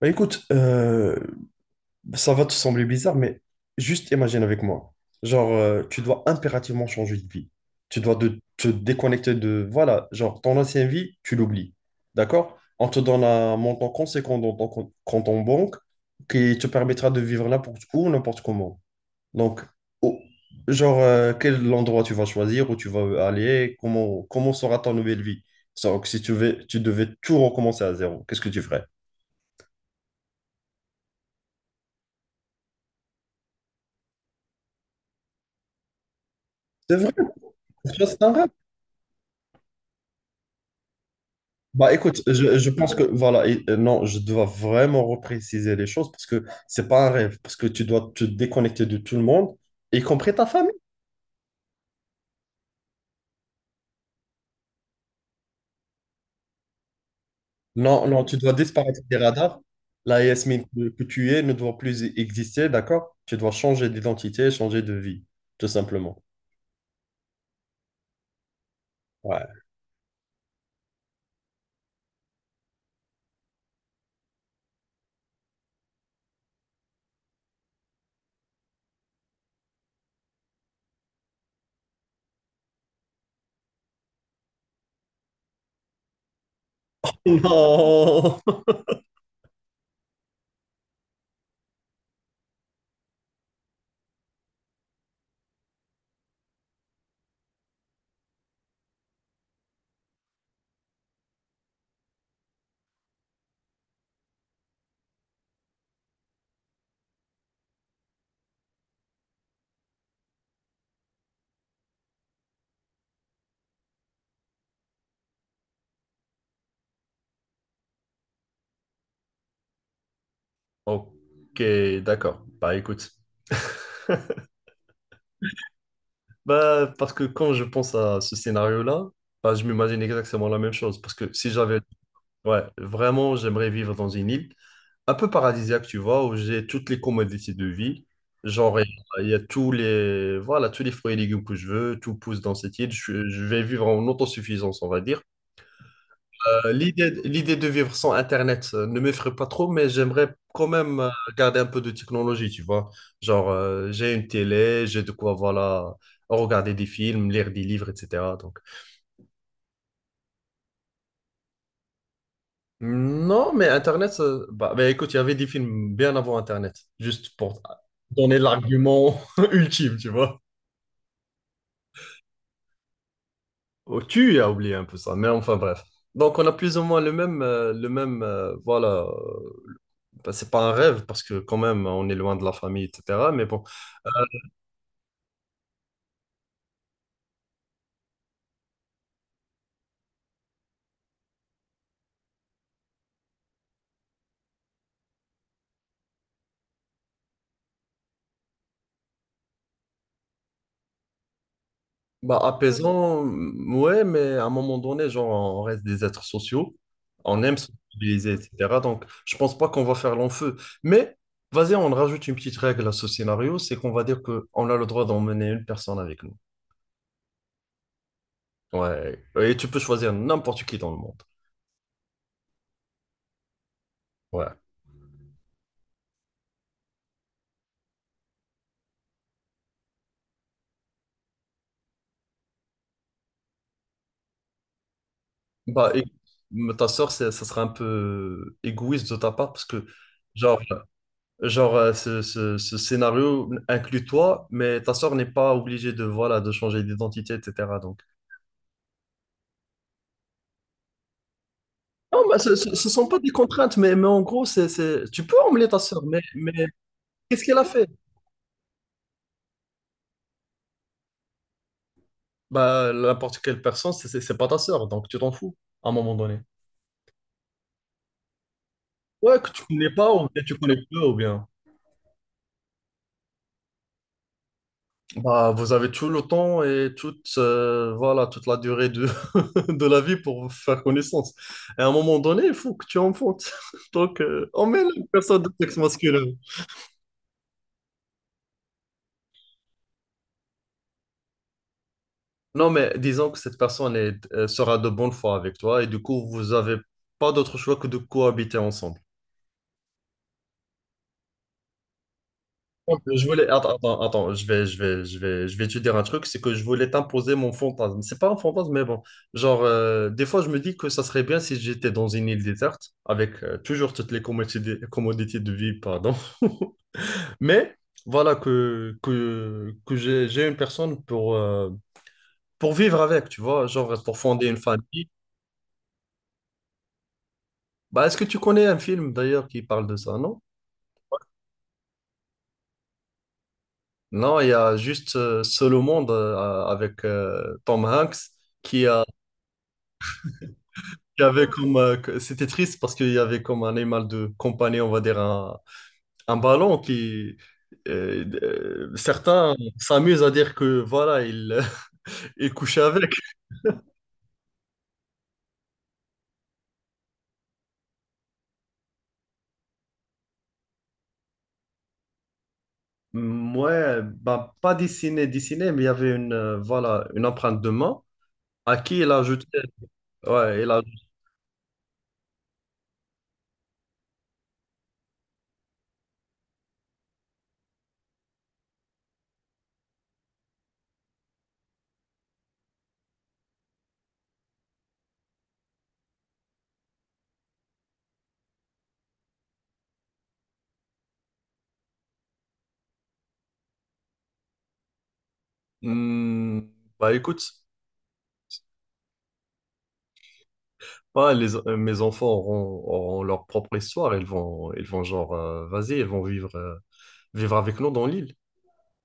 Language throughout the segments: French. Bah écoute, ça va te sembler bizarre, mais juste imagine avec moi. Tu dois impérativement changer de vie. Te déconnecter de... Voilà, genre, ton ancienne vie, tu l'oublies. D'accord? On te donne un montant conséquent dans compte en banque qui te permettra de vivre n'importe où, n'importe comment. Donc, au- genre, quel endroit tu vas choisir, où tu vas aller, comment sera ta nouvelle vie? Donc, si tu veux, tu devais tout recommencer à zéro, qu'est-ce que tu ferais? C'est vrai, c'est un rêve. Bah écoute, je pense que voilà, non, je dois vraiment repréciser les choses parce que c'est pas un rêve, parce que tu dois te déconnecter de tout le monde, y compris ta famille. Non, non, tu dois disparaître des radars. La Yasmine que tu es ne doit plus exister, d'accord? Tu dois changer d'identité, changer de vie, tout simplement. Ouais. Non. Ok, d'accord. Bah écoute. Bah parce que quand je pense à ce scénario-là, bah, je m'imagine exactement la même chose. Parce que si j'avais ouais, vraiment, j'aimerais vivre dans une île un peu paradisiaque, tu vois, où j'ai toutes les commodités de vie. Genre, il y a tous les, voilà, tous les fruits et légumes que je veux, tout pousse dans cette île. Je vais vivre en autosuffisance, on va dire. L'idée de vivre sans Internet ne m'effraie pas trop, mais j'aimerais quand même garder un peu de technologie, tu vois. Genre, j'ai une télé, j'ai de quoi, voilà, regarder des films, lire des livres, etc. Non, mais Internet, ça- Bah, bah, écoute, il y avait des films bien avant Internet, juste pour donner l'argument ultime, tu vois. Oh, tu as oublié un peu ça, mais enfin bref. Donc on a plus ou moins le même, voilà. Bah, c'est pas un rêve parce que quand même on est loin de la famille, etc. Mais bon, bah, apaisant, mm, ouais, mais à un moment donné, genre, on reste des êtres sociaux, on aime se mobiliser, etc. Donc, je pense pas qu'on va faire long feu. Mais, vas-y, on rajoute une petite règle à ce scénario, c'est qu'on va dire que on a le droit d'emmener une personne avec nous. Ouais. Et tu peux choisir n'importe qui dans le monde. Ouais. Bah, et, mais ta sœur, ça sera un peu égoïste de ta part parce que, genre, ce scénario inclut toi, mais ta sœur n'est pas obligée de, voilà, de changer d'identité, etc. Non, bah, ce ne sont pas des contraintes, mais en gros, tu peux emmener ta sœur, mais qu'est-ce qu'elle a fait? Bah, n'importe quelle personne, c'est pas ta sœur, donc tu t'en fous à un moment donné. Ouais, que tu connais pas, ou bien tu connais peu, ou bien. Bah, vous avez tout le temps et voilà, toute la durée de, de la vie pour vous faire connaissance. Et à un moment donné, il faut que tu enfantes. Donc, emmène une personne de sexe masculin. Non, mais disons que cette personne est, sera de bonne foi avec toi et du coup, vous avez pas d'autre choix que de cohabiter ensemble. Je voulais, attends, je vais te dire un truc, c'est que je voulais t'imposer mon fantasme. C'est pas un fantasme, mais bon. Genre, des fois, je me dis que ça serait bien si j'étais dans une île déserte, avec toujours toutes commodités de vie, pardon. Mais voilà que j'ai une personne pour vivre avec, tu vois, genre pour fonder une famille. Bah, est-ce que tu connais un film d'ailleurs qui parle de ça, non? Non, il y a juste Seul au monde avec Tom Hanks qui a il y avait comme, c'était triste parce qu'il y avait comme un animal de compagnie, on va dire un ballon qui, certains s'amusent à dire que voilà, il, il couchait avec. Mm, ouais, bah, pas dessiné, dessiné, mais il y avait voilà, une empreinte de main à qui il a jeté. Ouais, il a. Mm, bah écoute, ouais, mes enfants auront leur propre histoire. Ils vont genre, vas-y, vivre avec nous dans l'île.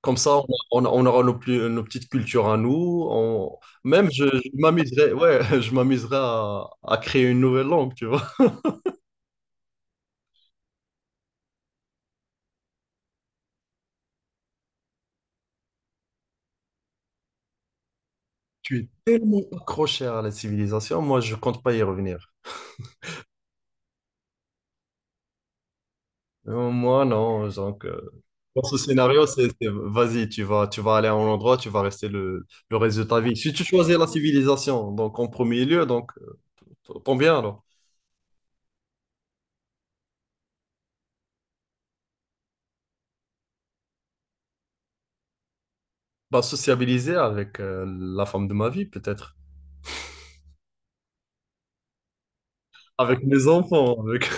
Comme ça, on aura nos petites cultures à nous. On- même, je m'amuserais, ouais, je m'amuserais à créer une nouvelle langue, tu vois. Je suis tellement accroché à la civilisation, moi, je compte pas y revenir. Moi, non. Donc, dans ce scénario, vas-y, tu vas aller à un endroit, tu vas rester le reste de ta vie. Si tu choisis la civilisation, donc en premier lieu, donc, tant bien alors. Bah, sociabiliser avec la femme de ma vie, peut-être. Avec mes enfants, avec...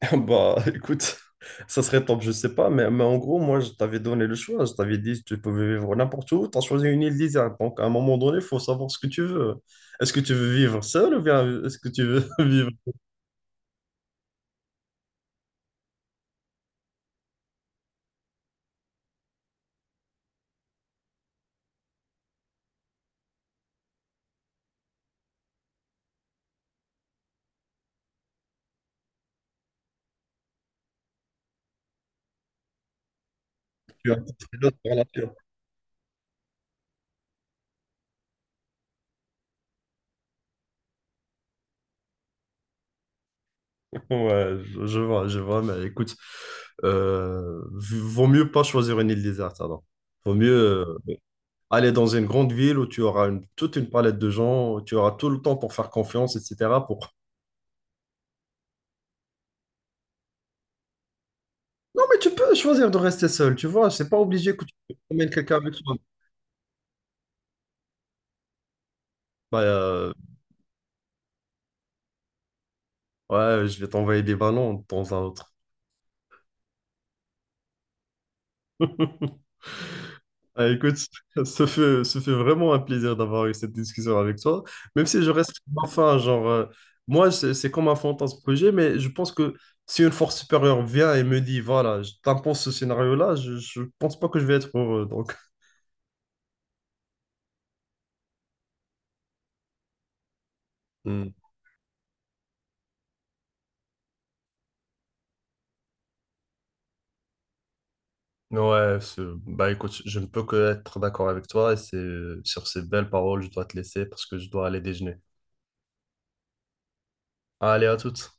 Bah, écoute, ça serait top, je sais pas, mais en gros, moi, je t'avais donné le choix. Je t'avais dit, tu pouvais vivre n'importe où. Tu as choisi une île déserte. Donc, à un moment donné, il faut savoir ce que tu veux. Est-ce que tu veux vivre seul ou bien est-ce que tu veux vivre tu as une autre relation ouais, je vois, mais écoute, vaut mieux pas choisir une île déserte alors. Vaut mieux euh, aller dans une grande ville où tu auras toute une palette de gens, où tu auras tout le temps pour faire confiance, etc., pour, non, mais tu peux choisir de rester seul, tu vois. C'est pas obligé que tu emmènes quelqu'un avec toi. Bah, ouais, je vais t'envoyer des ballons de temps à autre. Ah, écoute, ça fait vraiment un plaisir d'avoir eu cette discussion avec toi. Même si je reste enfin, genre, moi, c'est comme un fantasme que j'ai, mais je pense que si une force supérieure vient et me dit, voilà, je t'impose ce scénario-là, je pense pas que je vais être heureux. Donc, hmm. Ouais, c'est- Bah écoute, je ne peux que être d'accord avec toi et c'est sur ces belles paroles, je dois te laisser parce que je dois aller déjeuner. Allez, à toutes.